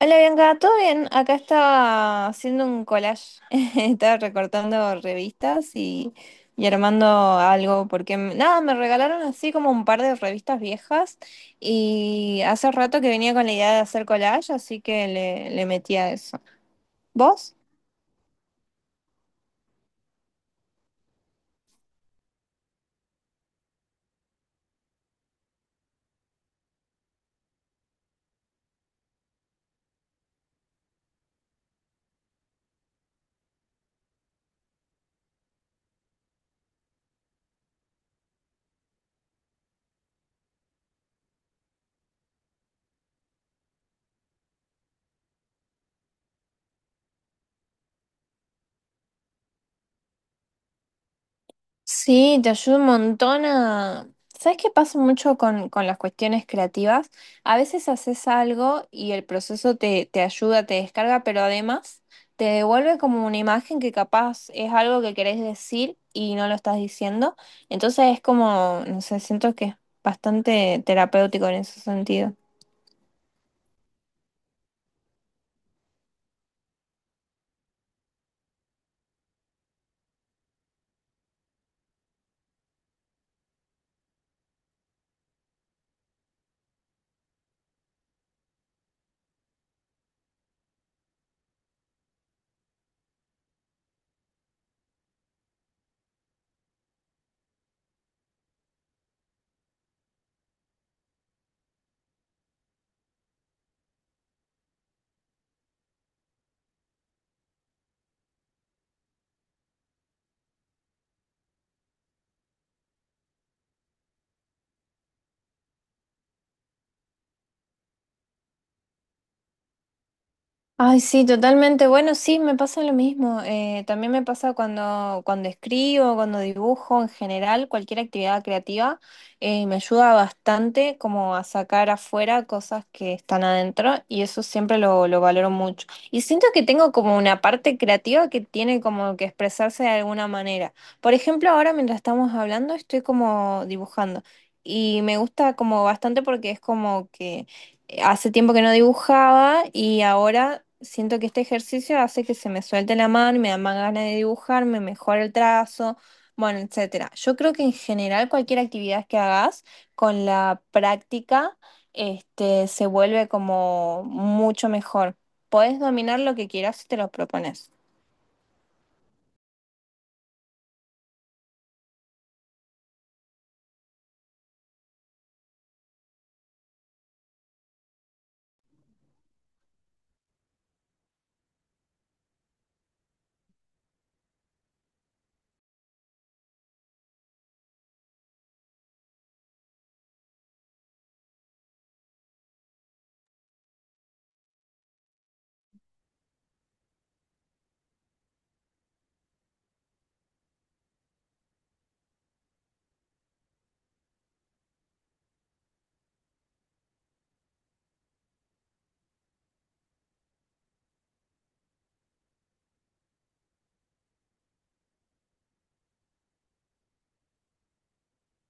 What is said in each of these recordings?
Hola Bianca, ¿todo bien? Acá estaba haciendo un collage, estaba recortando revistas y armando algo, porque nada, me regalaron así como un par de revistas viejas y hace rato que venía con la idea de hacer collage, así que le metí a eso. ¿Vos? Sí, te ayuda un montón a... ¿Sabes qué pasa mucho con las cuestiones creativas? A veces haces algo y el proceso te ayuda, te descarga, pero además te devuelve como una imagen que capaz es algo que querés decir y no lo estás diciendo. Entonces es como, no sé, siento que es bastante terapéutico en ese sentido. Ay, sí, totalmente. Bueno, sí, me pasa lo mismo. También me pasa cuando escribo, cuando dibujo, en general, cualquier actividad creativa, me ayuda bastante como a sacar afuera cosas que están adentro y eso siempre lo valoro mucho. Y siento que tengo como una parte creativa que tiene como que expresarse de alguna manera. Por ejemplo, ahora mientras estamos hablando, estoy como dibujando y me gusta como bastante porque es como que... Hace tiempo que no dibujaba y ahora siento que este ejercicio hace que se me suelte la mano, me da más ganas de dibujar, me mejora el trazo, bueno, etcétera. Yo creo que en general cualquier actividad que hagas con la práctica, se vuelve como mucho mejor. Podés dominar lo que quieras si te lo propones.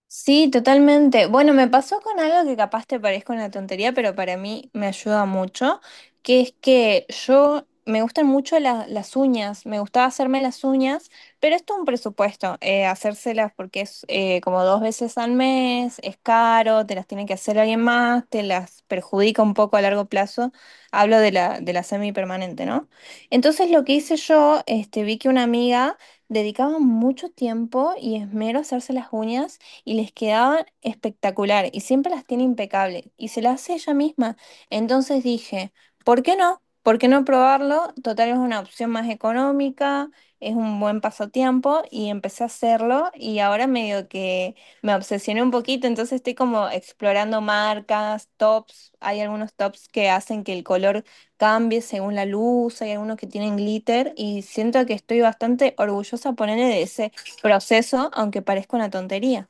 Sí, totalmente. Bueno, me pasó con algo que capaz te parezca una tontería, pero para mí me ayuda mucho, que es que yo me gustan mucho las uñas, me gustaba hacerme las uñas, pero esto es un presupuesto, hacérselas porque es como dos veces al mes, es caro, te las tiene que hacer alguien más, te las perjudica un poco a largo plazo. Hablo de de la semipermanente, ¿no? Entonces lo que hice yo, vi que una amiga dedicaba mucho tiempo y esmero a hacerse las uñas y les quedaban espectacular y siempre las tiene impecables y se las hace ella misma. Entonces dije, ¿por qué no? ¿Por qué no probarlo? Total es una opción más económica, es un buen pasatiempo y empecé a hacerlo y ahora medio que me obsesioné un poquito, entonces estoy como explorando marcas, tops, hay algunos tops que hacen que el color cambie según la luz, hay algunos que tienen glitter y siento que estoy bastante orgullosa ponerle de ese proceso, aunque parezca una tontería.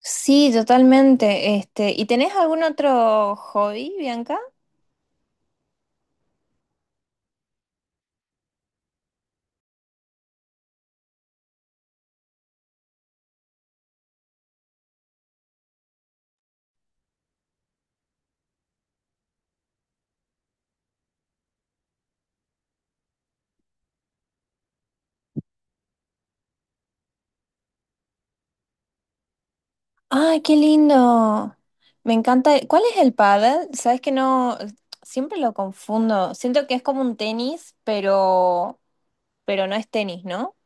Sí, totalmente. Este, ¿y tenés algún otro hobby, Bianca? ¡Ay, qué lindo! Me encanta. ¿Cuál es el pádel? Sabes que no, siempre lo confundo. Siento que es como un tenis, pero no es tenis, ¿no?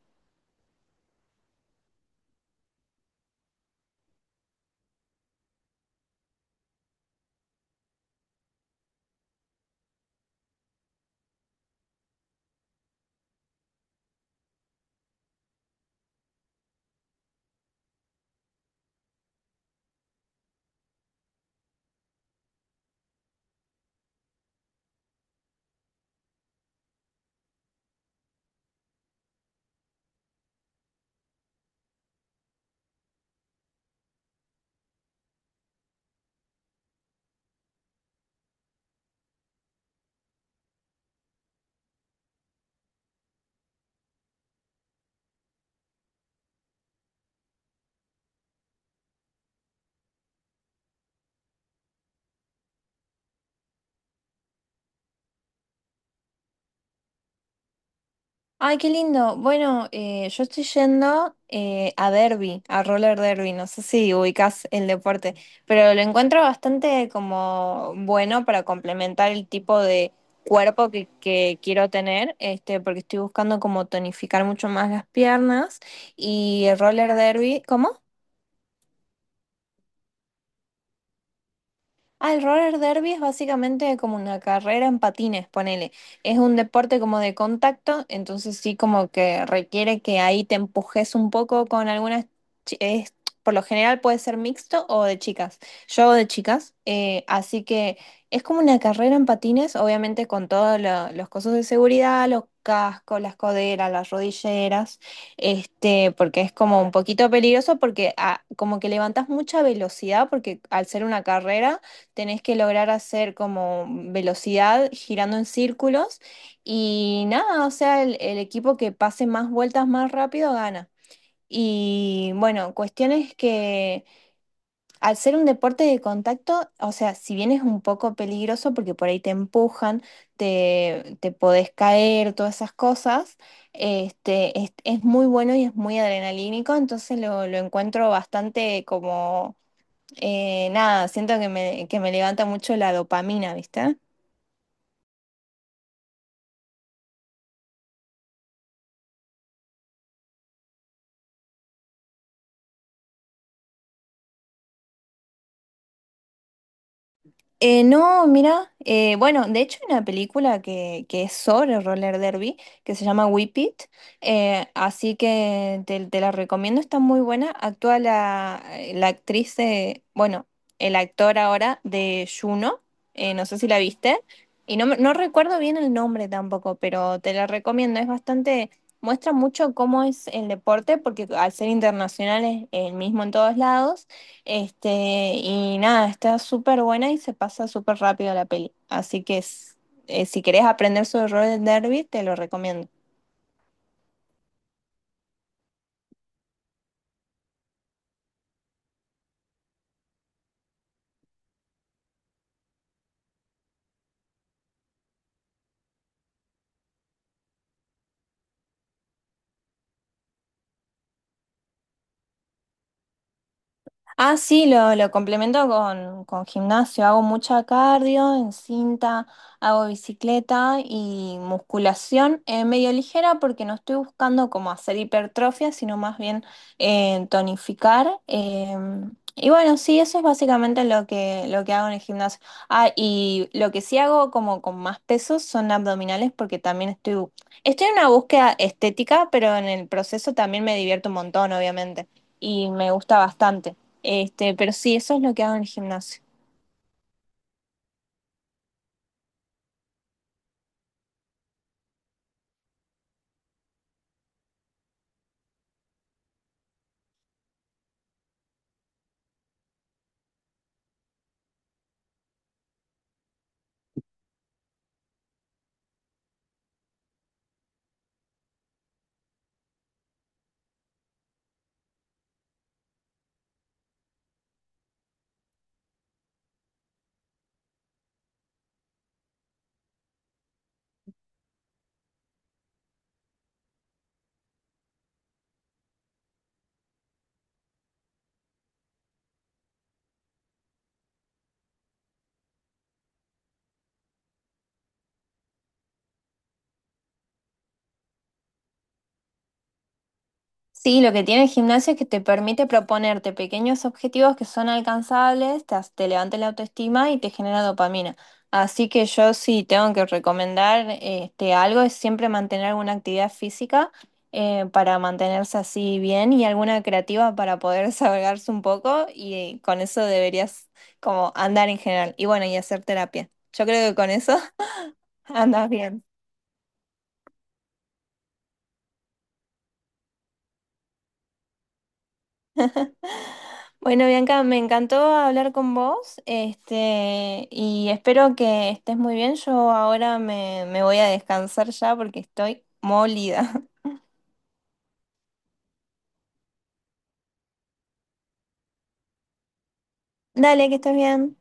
Ay, qué lindo. Bueno, yo estoy yendo a derby, a roller derby. No sé si ubicás el deporte, pero lo encuentro bastante como bueno para complementar el tipo de cuerpo que quiero tener, este, porque estoy buscando como tonificar mucho más las piernas y el roller derby. ¿Cómo? Ah, el roller derby es básicamente como una carrera en patines, ponele. Es un deporte como de contacto, entonces sí como que requiere que ahí te empujes un poco con algunas... chi- es- por lo general puede ser mixto o de chicas. Yo hago de chicas, así que es como una carrera en patines, obviamente con todos los cosos de seguridad, los cascos, las coderas, las rodilleras, este, porque es como un poquito peligroso porque como que levantas mucha velocidad porque al ser una carrera tenés que lograr hacer como velocidad girando en círculos y nada, o sea, el equipo que pase más vueltas más rápido gana. Y bueno, cuestiones que al ser un deporte de contacto, o sea, si bien es un poco peligroso porque por ahí te empujan, te podés caer, todas esas cosas, es muy bueno y es muy adrenalínico, entonces lo encuentro bastante como nada, siento que que me levanta mucho la dopamina, ¿viste? No, mira, bueno, de hecho hay una película que es sobre roller derby que se llama Whip It, así que te la recomiendo, está muy buena. Actúa la, la actriz de, bueno, el actor ahora de Juno, no sé si la viste, y no, no recuerdo bien el nombre tampoco, pero te la recomiendo, es bastante, muestra mucho cómo es el deporte, porque al ser internacional es el mismo en todos lados este, y nada, está súper buena y se pasa súper rápido la peli. Si querés aprender sobre Roger Derby, te lo recomiendo. Ah, sí, lo complemento con gimnasio. Hago mucha cardio en cinta, hago bicicleta y musculación medio ligera porque no estoy buscando como hacer hipertrofia, sino más bien tonificar. Y bueno, sí, eso es básicamente lo lo que hago en el gimnasio. Ah, y lo que sí hago como con más pesos son abdominales porque también estoy en una búsqueda estética, pero en el proceso también me divierto un montón, obviamente, y me gusta bastante. Este, pero sí, eso es lo que hago en el gimnasio. Sí, lo que tiene el gimnasio es que te permite proponerte pequeños objetivos que son alcanzables, te levanta la autoestima y te genera dopamina. Así que yo sí tengo que recomendar este, algo, es siempre mantener alguna actividad física para mantenerse así bien y alguna creativa para poder desahogarse un poco y con eso deberías como andar en general. Y bueno, y hacer terapia. Yo creo que con eso andas bien. Bueno, Bianca, me encantó hablar con vos, este, y espero que estés muy bien. Yo ahora me voy a descansar ya porque estoy molida. Dale, que estés bien.